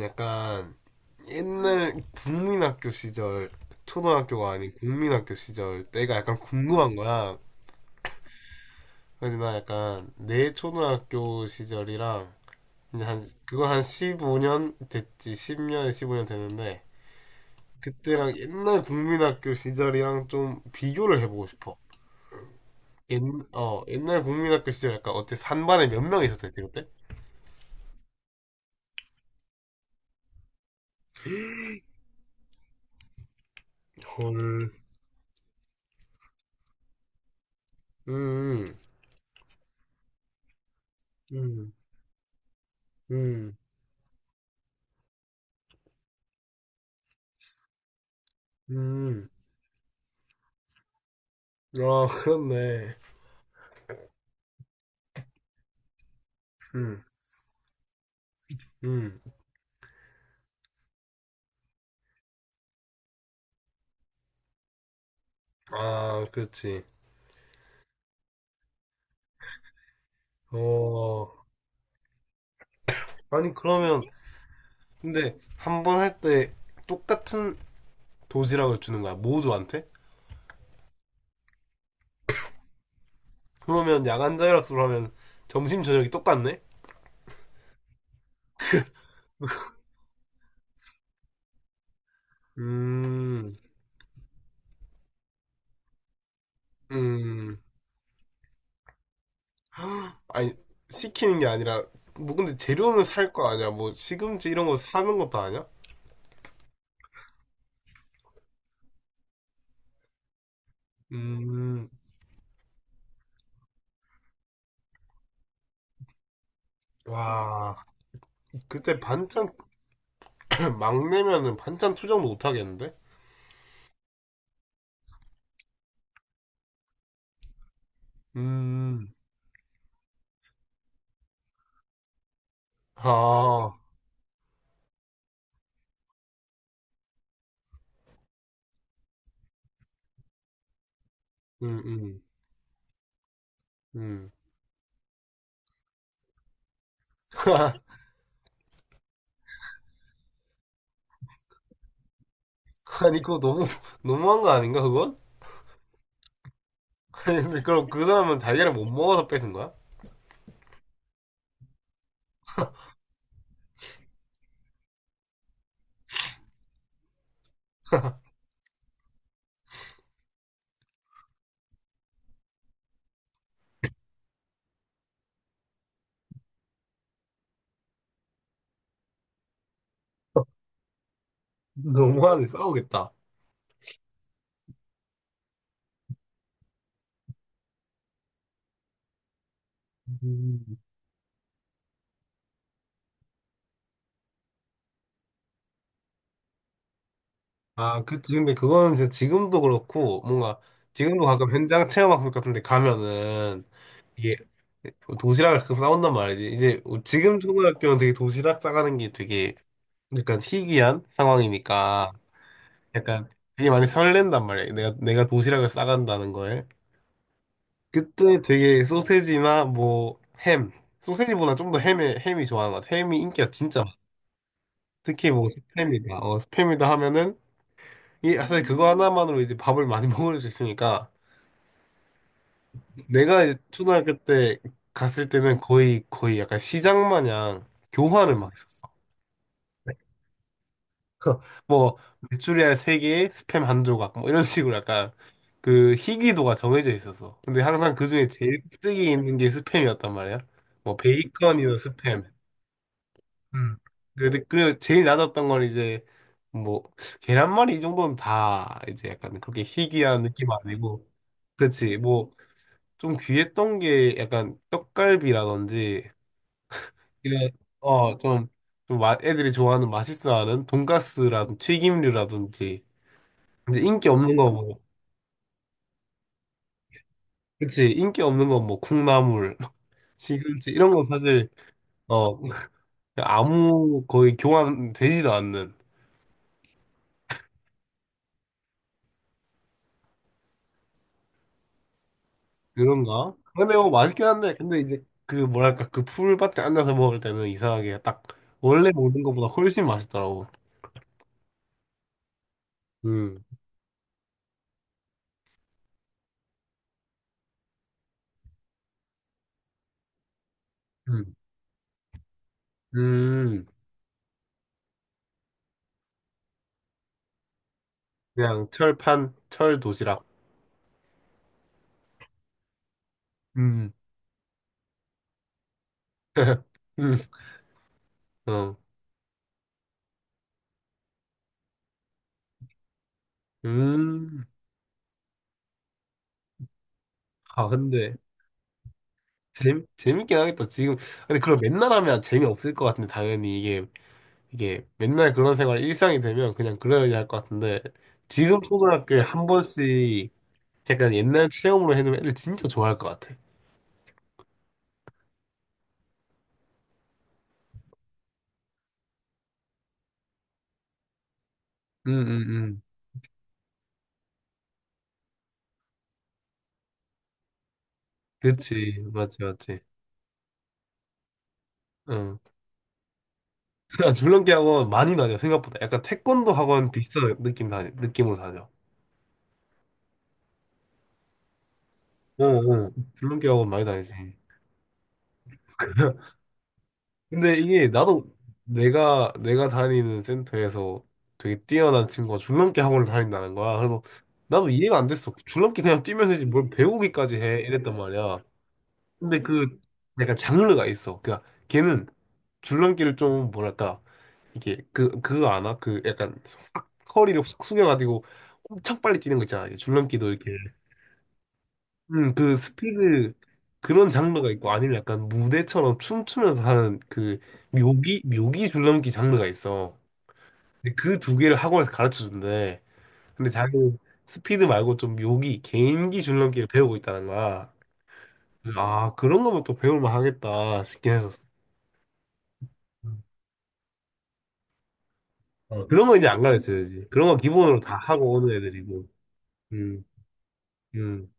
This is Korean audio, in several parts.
약간 옛날 국민학교 시절 초등학교가 아닌 국민학교 시절 때가 약간 궁금한 거야. 그래서 나 약간 내 초등학교 시절이랑 이제 한 그거 한 15년 됐지 10년 15년 됐는데 그때랑 옛날 국민학교 시절이랑 좀 비교를 해보고 싶어. 옛, 옛날 국민학교 시절 약간 어째 한 반에 몇 명 있었대 그때? 헐. 음, 음, 음, 음. 아, 그렇네. 음. 음. 아, 그렇지. 어. 아니, 그러면, 근데, 한 번 할 때, 똑같은 도시락을 주는 거야, 모두한테? 그러면, 야간 자율학습을 하면, 점심, 저녁이 똑같네? 음, 음. 아니, 시키는 게 아니라, 뭐, 근데 재료는 살 거 아니야? 뭐, 시금치 이런 거 사는 것도 아니야? 음, 와. 그때 반찬, 막내면은 반찬 투정도 못 하겠는데? 음, 아, 음, 음, 음. 아니 그거 너무한 거 아닌가 그건? 아니 근데 그럼 그 사람은 달걀을 못 먹어서 뺏은 거야? 너무하네. 싸우겠다. 음, 아 그치. 근데 그거는 진짜 지금도 그렇고 뭔가 지금도 가끔 현장 체험학습 같은데 가면은 이게 도시락을 가끔 싸운단 말이지. 이제 지금 초등학교는 되게 도시락 싸가는 게 되게 약간 희귀한 상황이니까 약간 되게 많이 설렌단 말이야. 내가 도시락을 싸간다는 거에. 그때 되게 소세지나 뭐 햄, 소세지보다 좀 더 햄에 햄이 좋아하는 것 같아. 햄이 인기가 진짜 많아. 특히 뭐 스팸이다, 어, 스팸이다 하면은 이 사실 그거 하나만으로 이제 밥을 많이 먹을 수 있으니까 내가 이제 초등학교 때 갔을 때는 거의 약간 시장 마냥 교환을 막 했었어. 뭐 메추리알 세개에 스팸 한 조각 뭐 이런 식으로 약간 그 희귀도가 정해져 있었어. 근데 항상 그 중에 제일 뜨기 있는 게 스팸이었단 말이야. 뭐 베이컨이나 스팸. 음. 근데 그래 제일 낮았던 건 이제 뭐 계란말이 이 정도는 다 이제 약간 그렇게 희귀한 느낌 아니고. 그렇지 뭐. 좀 귀했던 게 약간 떡갈비라든지 이런 어좀 애들이 좋아하는 맛있어하는 돈가스라든지 튀김류라든지 이제 인기 없는 거 뭐. 그치 인기 없는 건 뭐 콩나물. 시금치 이런 건 사실 어 아무 거의 교환되지도 않는. 그런가? 근데 뭐 맛있긴 한데, 근데 이제 그 뭐랄까, 그 풀밭에 앉아서 먹을 때는 이상하게 딱 원래 먹는 것보다 훨씬 맛있더라고. 음, 음, 음. 그냥 철판, 철 도시락. 음, 음, 어, 음. 아, 근데 재밌긴 하겠다. 지금, 근데 그걸 맨날 하면 재미없을 것 같은데, 당연히 이게, 이게 맨날 그런 생활 일상이 되면 그냥 그래야 할것 같은데, 지금 초등학교에 한 번씩 약간 옛날 체험으로 해놓으면 애들 진짜 좋아할 것 같아. 응응응. 그치 맞지 맞지. 응. 아, 줄넘기 학원 많이 다녀. 생각보다 약간 태권도 학원 비슷한 느낌 다 느낌으로 다녀. 어어 줄넘기 학원 많이 다니지. 근데 이게 나도 내가 다니는 센터에서 되게 뛰어난 친구가 줄넘기 학원을 다닌다는 거야. 그래서 나도 이해가 안 됐어. 줄넘기 그냥 뛰면서 이제 뭘 배우기까지 해 이랬단 말이야. 근데 그 약간 장르가 있어 그니까 걔는 줄넘기를 좀 뭐랄까 이게 그 그거 아나? 그 약간 확 허리를 확 숙여가지고 엄청 빨리 뛰는 거 있잖아. 이게 줄넘기도 이렇게 그 스피드 그런 장르가 있고 아니면 약간 무대처럼 춤추면서 하는 그 묘기 묘기 줄넘기 장르가 있어. 근데 그 두 개를 학원에서 가르쳐 준대. 근데 자기는 스피드 말고 좀 묘기 개인기 줄넘기를 배우고 있다는 거야. 그래서 아 그런 거면 또 배울만 하겠다 싶긴 했었어. 음. 어, 그런 거 이제 안 가르쳐야지. 그런 거 기본으로 다 하고 오는 애들이고. 음, 음.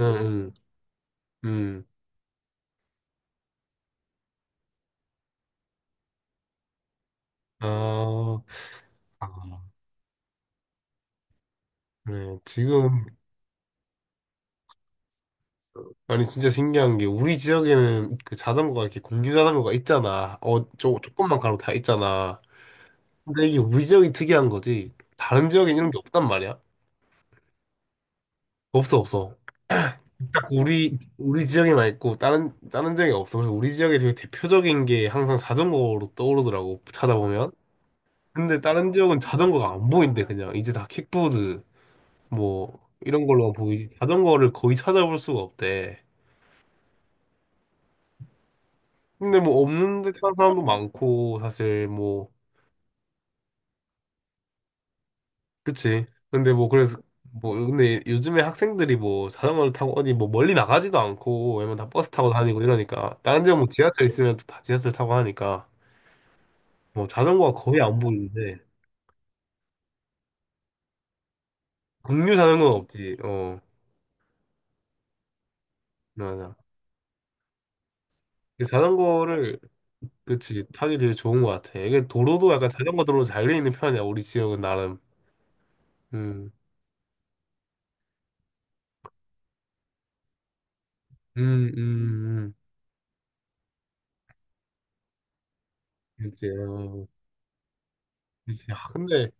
응, 응, 응. 아, 아, 그래. 지금, 아니, 진짜 신기한 게, 우리 지역에는 그 자전거가 이렇게 공유 자전거가 있잖아. 어, 조금만 가로 다 있잖아. 근데 이게 우리 지역이 특이한 거지. 다른 지역엔 이런 게 없단 말이야. 없어, 없어. 딱 우리 지역에만 있고, 다른 지역에 없어. 그래서 우리 지역에 되게 대표적인 게 항상 자전거로 떠오르더라고, 찾아보면. 근데 다른 지역은 자전거가 안 보인대, 그냥. 이제 다 킥보드. 뭐 이런 걸로만 보이지 자전거를 거의 찾아볼 수가 없대. 근데 뭐 없는 듯 하는 사람도 많고 사실 뭐 그치. 근데 뭐 그래서 뭐 근데 요즘에 학생들이 뭐 자전거를 타고 어디 뭐 멀리 나가지도 않고 왜냐면 다 버스 타고 다니고 이러니까 다른 지역 뭐 지하철 있으면 또 다 지하철 타고 하니까 뭐 자전거가 거의 안 보이는데 국류 자전거는 없지. 어 맞아. 그 자전거를 그치 타기 되게 좋은 것 같아. 이게 도로도 약간 자전거 도로 잘 돼 있는 편이야 우리 지역은 나름. 음. 음, 음, 그때요. 그때. 아, 근데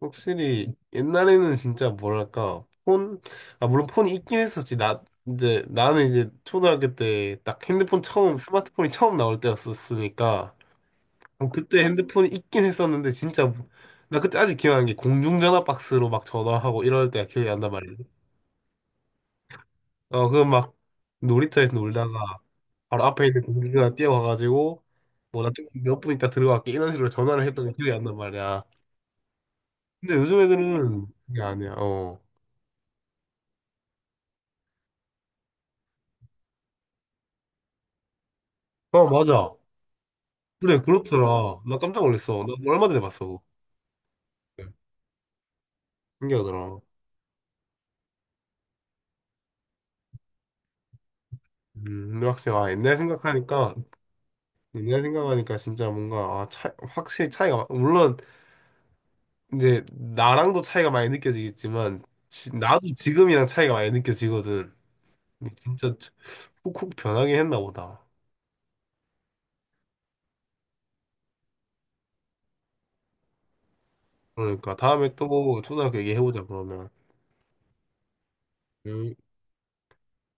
확실히 옛날에는 진짜 뭐랄까 폰, 아 물론 폰이 있긴 했었지. 나 이제 나는 이제 초등학교 때 딱 핸드폰 처음 스마트폰이 처음 나올 때였었으니까 어, 그때 핸드폰이 있긴 했었는데 진짜 뭐, 나 그때 아직 기억나는 게 공중전화 박스로 막 전화하고 이럴 때가 기억이 난단 말이야. 어, 그거 막 놀이터에서 놀다가 바로 앞에 있는 공중전화 뛰어가가지고 뭐 나 좀 몇 분 있다 들어갈게 이런 식으로 전화를 했던 게 기억이 안 난 말이야. 근데 요즘 애들은 그게 아니야. 어. 어, 맞아. 그래, 그렇더라. 나 깜짝 놀랐어. 나 얼마 전에 봤어. 그 신기하더라. 근데 확실히, 아, 옛날 생각하니까, 옛날 생각하니까 진짜 뭔가, 확실히 차이가, 물론, 이제, 나랑도 차이가 많이 느껴지겠지만, 나도 지금이랑 차이가 많이 느껴지거든. 진짜 훅훅 변하게 했나 보다. 그러니까, 다음에 또 초등학교 얘기해보자, 그러면. 음.